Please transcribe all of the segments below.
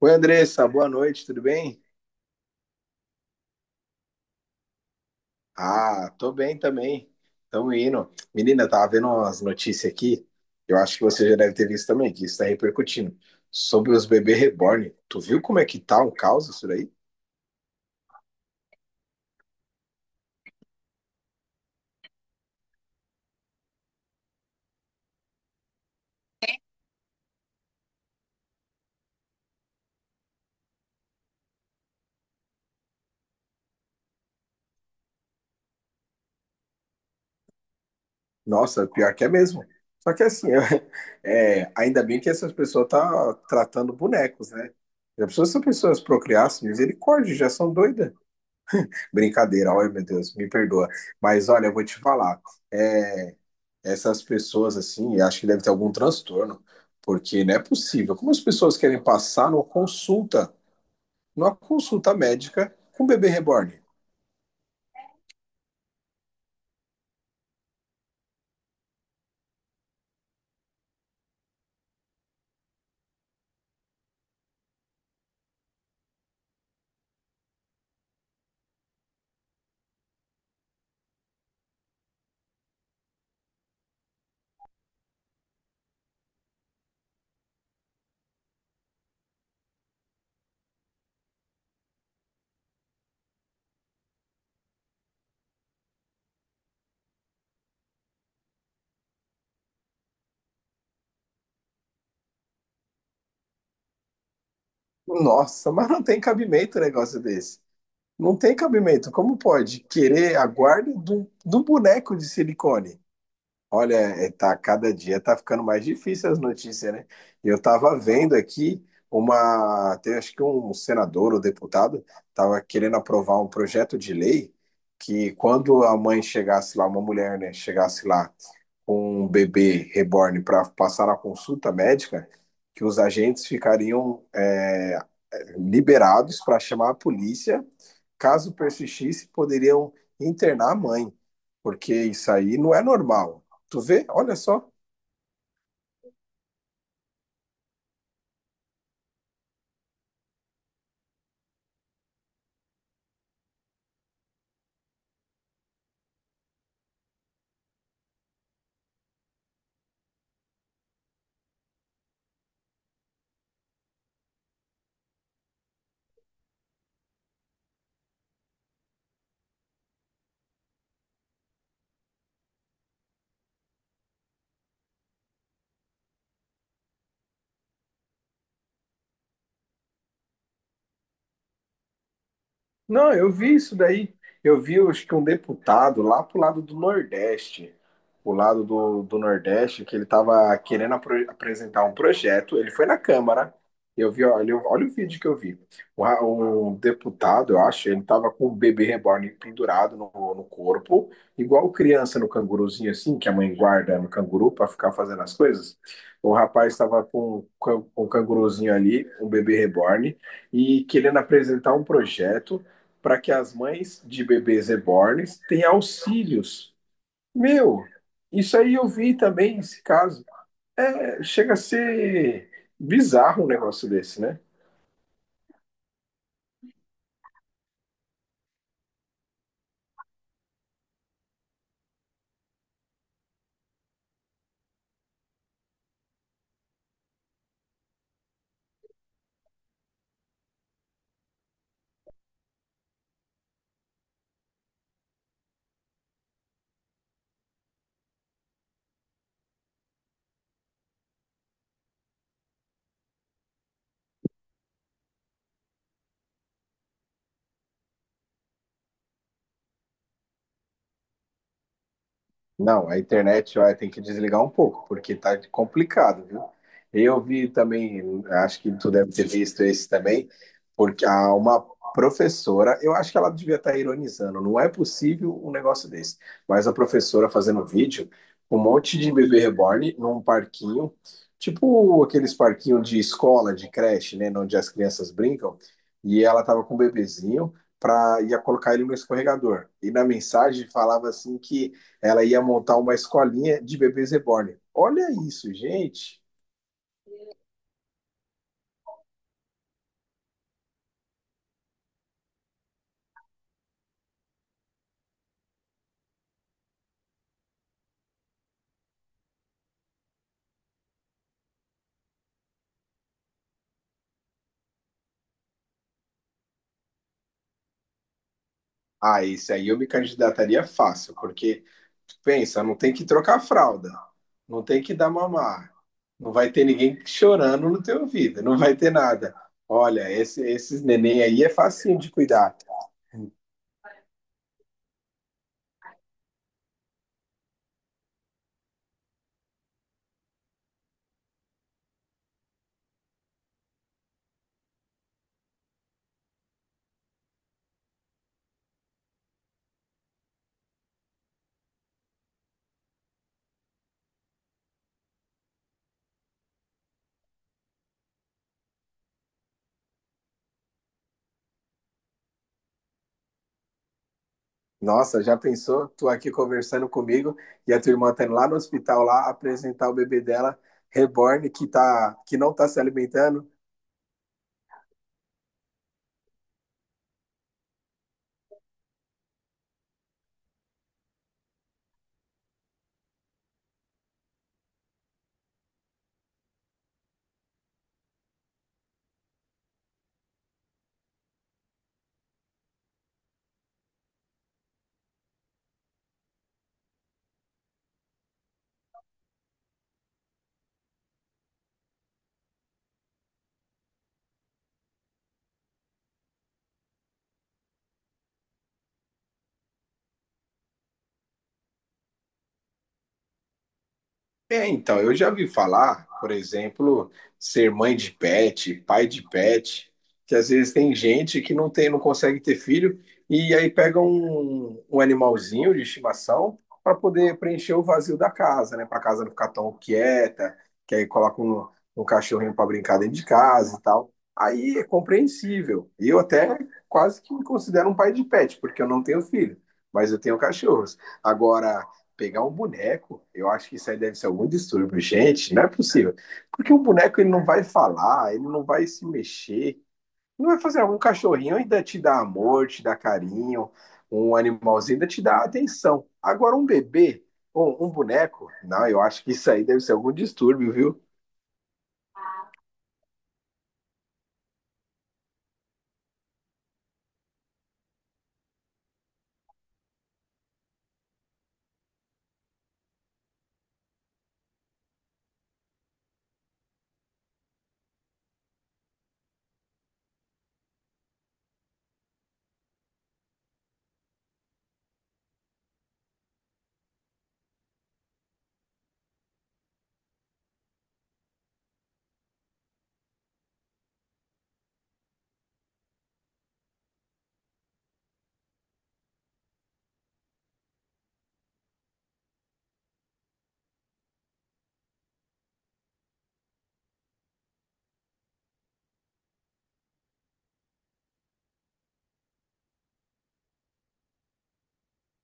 Oi, Andressa, boa noite, tudo bem? Ah, tô bem também. Tamo indo. Menina, tava vendo umas notícias aqui. Eu acho que você já deve ter visto também, que isso tá repercutindo. Sobre os bebês reborn. Tu viu como é que tá o caos isso daí? Nossa, pior que é mesmo. Só que assim, é, ainda bem que essas pessoas tá tratando bonecos, né? Já pensou se as pessoas procriassem, misericórdia, já são doidas. Brincadeira, olha, meu Deus, me perdoa. Mas olha, eu vou te falar. é, Essas pessoas assim, eu acho que deve ter algum transtorno, porque não é possível. Como as pessoas querem passar numa consulta médica com um bebê reborn? Nossa, mas não tem cabimento um negócio desse. Não tem cabimento. Como pode querer a guarda de um boneco de silicone? Olha, é, tá, cada dia tá ficando mais difícil as notícias, né? Eu tava vendo aqui uma, tem, acho que um senador ou deputado tava querendo aprovar um projeto de lei que quando a mãe chegasse lá, uma mulher, né, chegasse lá com um bebê reborn para passar na consulta médica, que os agentes ficariam liberados para chamar a polícia. Caso persistisse, poderiam internar a mãe, porque isso aí não é normal. Tu vê? Olha só. Não, eu vi isso daí. Eu vi, acho que um deputado lá pro lado do Nordeste, o lado do, Nordeste, que ele tava querendo apresentar um projeto. Ele foi na Câmara. Eu vi, olha, olha o vídeo que eu vi. Um deputado, eu acho, ele tava com o bebê reborn pendurado no corpo, igual criança no canguruzinho, assim, que a mãe guarda no canguru para ficar fazendo as coisas. O rapaz estava com, com o canguruzinho ali, um bebê reborn, e querendo apresentar um projeto para que as mães de bebês rebornes tenham auxílios. Meu, isso aí eu vi também esse caso. É, chega a ser bizarro um negócio desse, né? Não, a internet, olha, tem que desligar um pouco, porque tá complicado, viu? Eu vi também, acho que tu deve ter visto esse também, porque há uma professora, eu acho que ela devia estar ironizando, não é possível um negócio desse, mas a professora fazendo vídeo com um monte de bebê reborn num parquinho, tipo aqueles parquinhos de escola, de creche, né, onde as crianças brincam, e ela tava com um bebezinho, pra, ia colocar ele no escorregador, e na mensagem falava assim que ela ia montar uma escolinha de bebês reborn. Olha isso, gente. Ah, esse aí eu me candidataria fácil, porque pensa, não tem que trocar fralda, não tem que dar mamar, não vai ter ninguém chorando no teu ouvido, não vai ter nada. Olha, esse, esses neném aí é facinho de cuidar. Nossa, já pensou? Tu aqui conversando comigo e a tua irmã tá indo lá no hospital lá apresentar o bebê dela, reborn, que, tá, que não tá se alimentando. É, então, eu já vi falar, por exemplo, ser mãe de pet, pai de pet, que às vezes tem gente que não tem, não consegue ter filho, e aí pega um animalzinho de estimação para poder preencher o vazio da casa, né? Para a casa não ficar tão quieta, que aí coloca um, um cachorrinho para brincar dentro de casa e tal. Aí é compreensível. Eu até quase que me considero um pai de pet, porque eu não tenho filho, mas eu tenho cachorros. Agora pegar um boneco. Eu acho que isso aí deve ser algum distúrbio. Gente, não é possível. Porque o boneco ele não vai falar, ele não vai se mexer, não vai fazer algum cachorrinho ainda te dá amor, te dá carinho, um animalzinho ainda te dá atenção. Agora um bebê ou um boneco, não, eu acho que isso aí deve ser algum distúrbio, viu?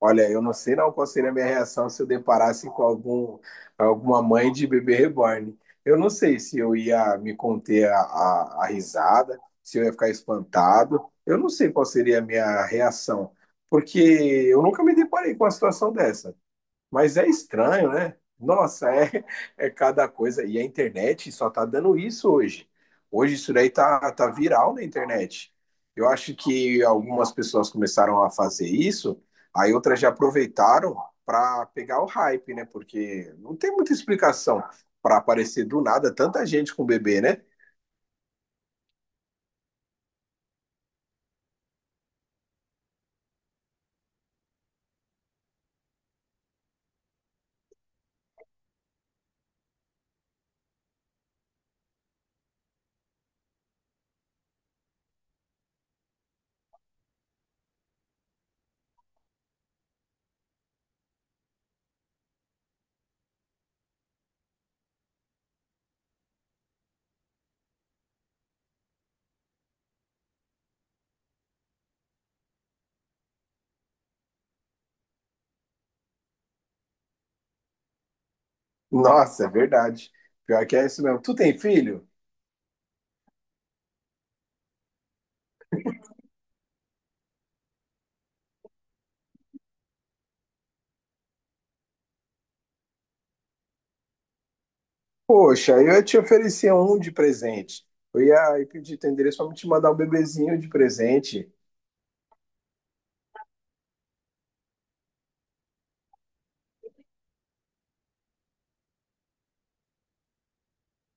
Olha, eu não sei não qual seria a minha reação se eu deparasse com algum, alguma mãe de bebê reborn. Eu não sei se eu ia me conter a risada, se eu ia ficar espantado. Eu não sei qual seria a minha reação, porque eu nunca me deparei com uma situação dessa. Mas é estranho, né? Nossa, é, é cada coisa. E a internet só tá dando isso hoje. Hoje isso daí tá, tá viral na internet. Eu acho que algumas pessoas começaram a fazer isso, aí outras já aproveitaram para pegar o hype, né? Porque não tem muita explicação para aparecer do nada tanta gente com bebê, né? Nossa, é verdade. Pior que é isso mesmo. Tu tem filho? Poxa, eu te oferecia um de presente. Eu ia aí pedir teu endereço pra me te mandar um bebezinho de presente.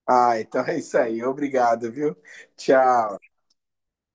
Ah, então é isso aí. Obrigado, viu? Tchau.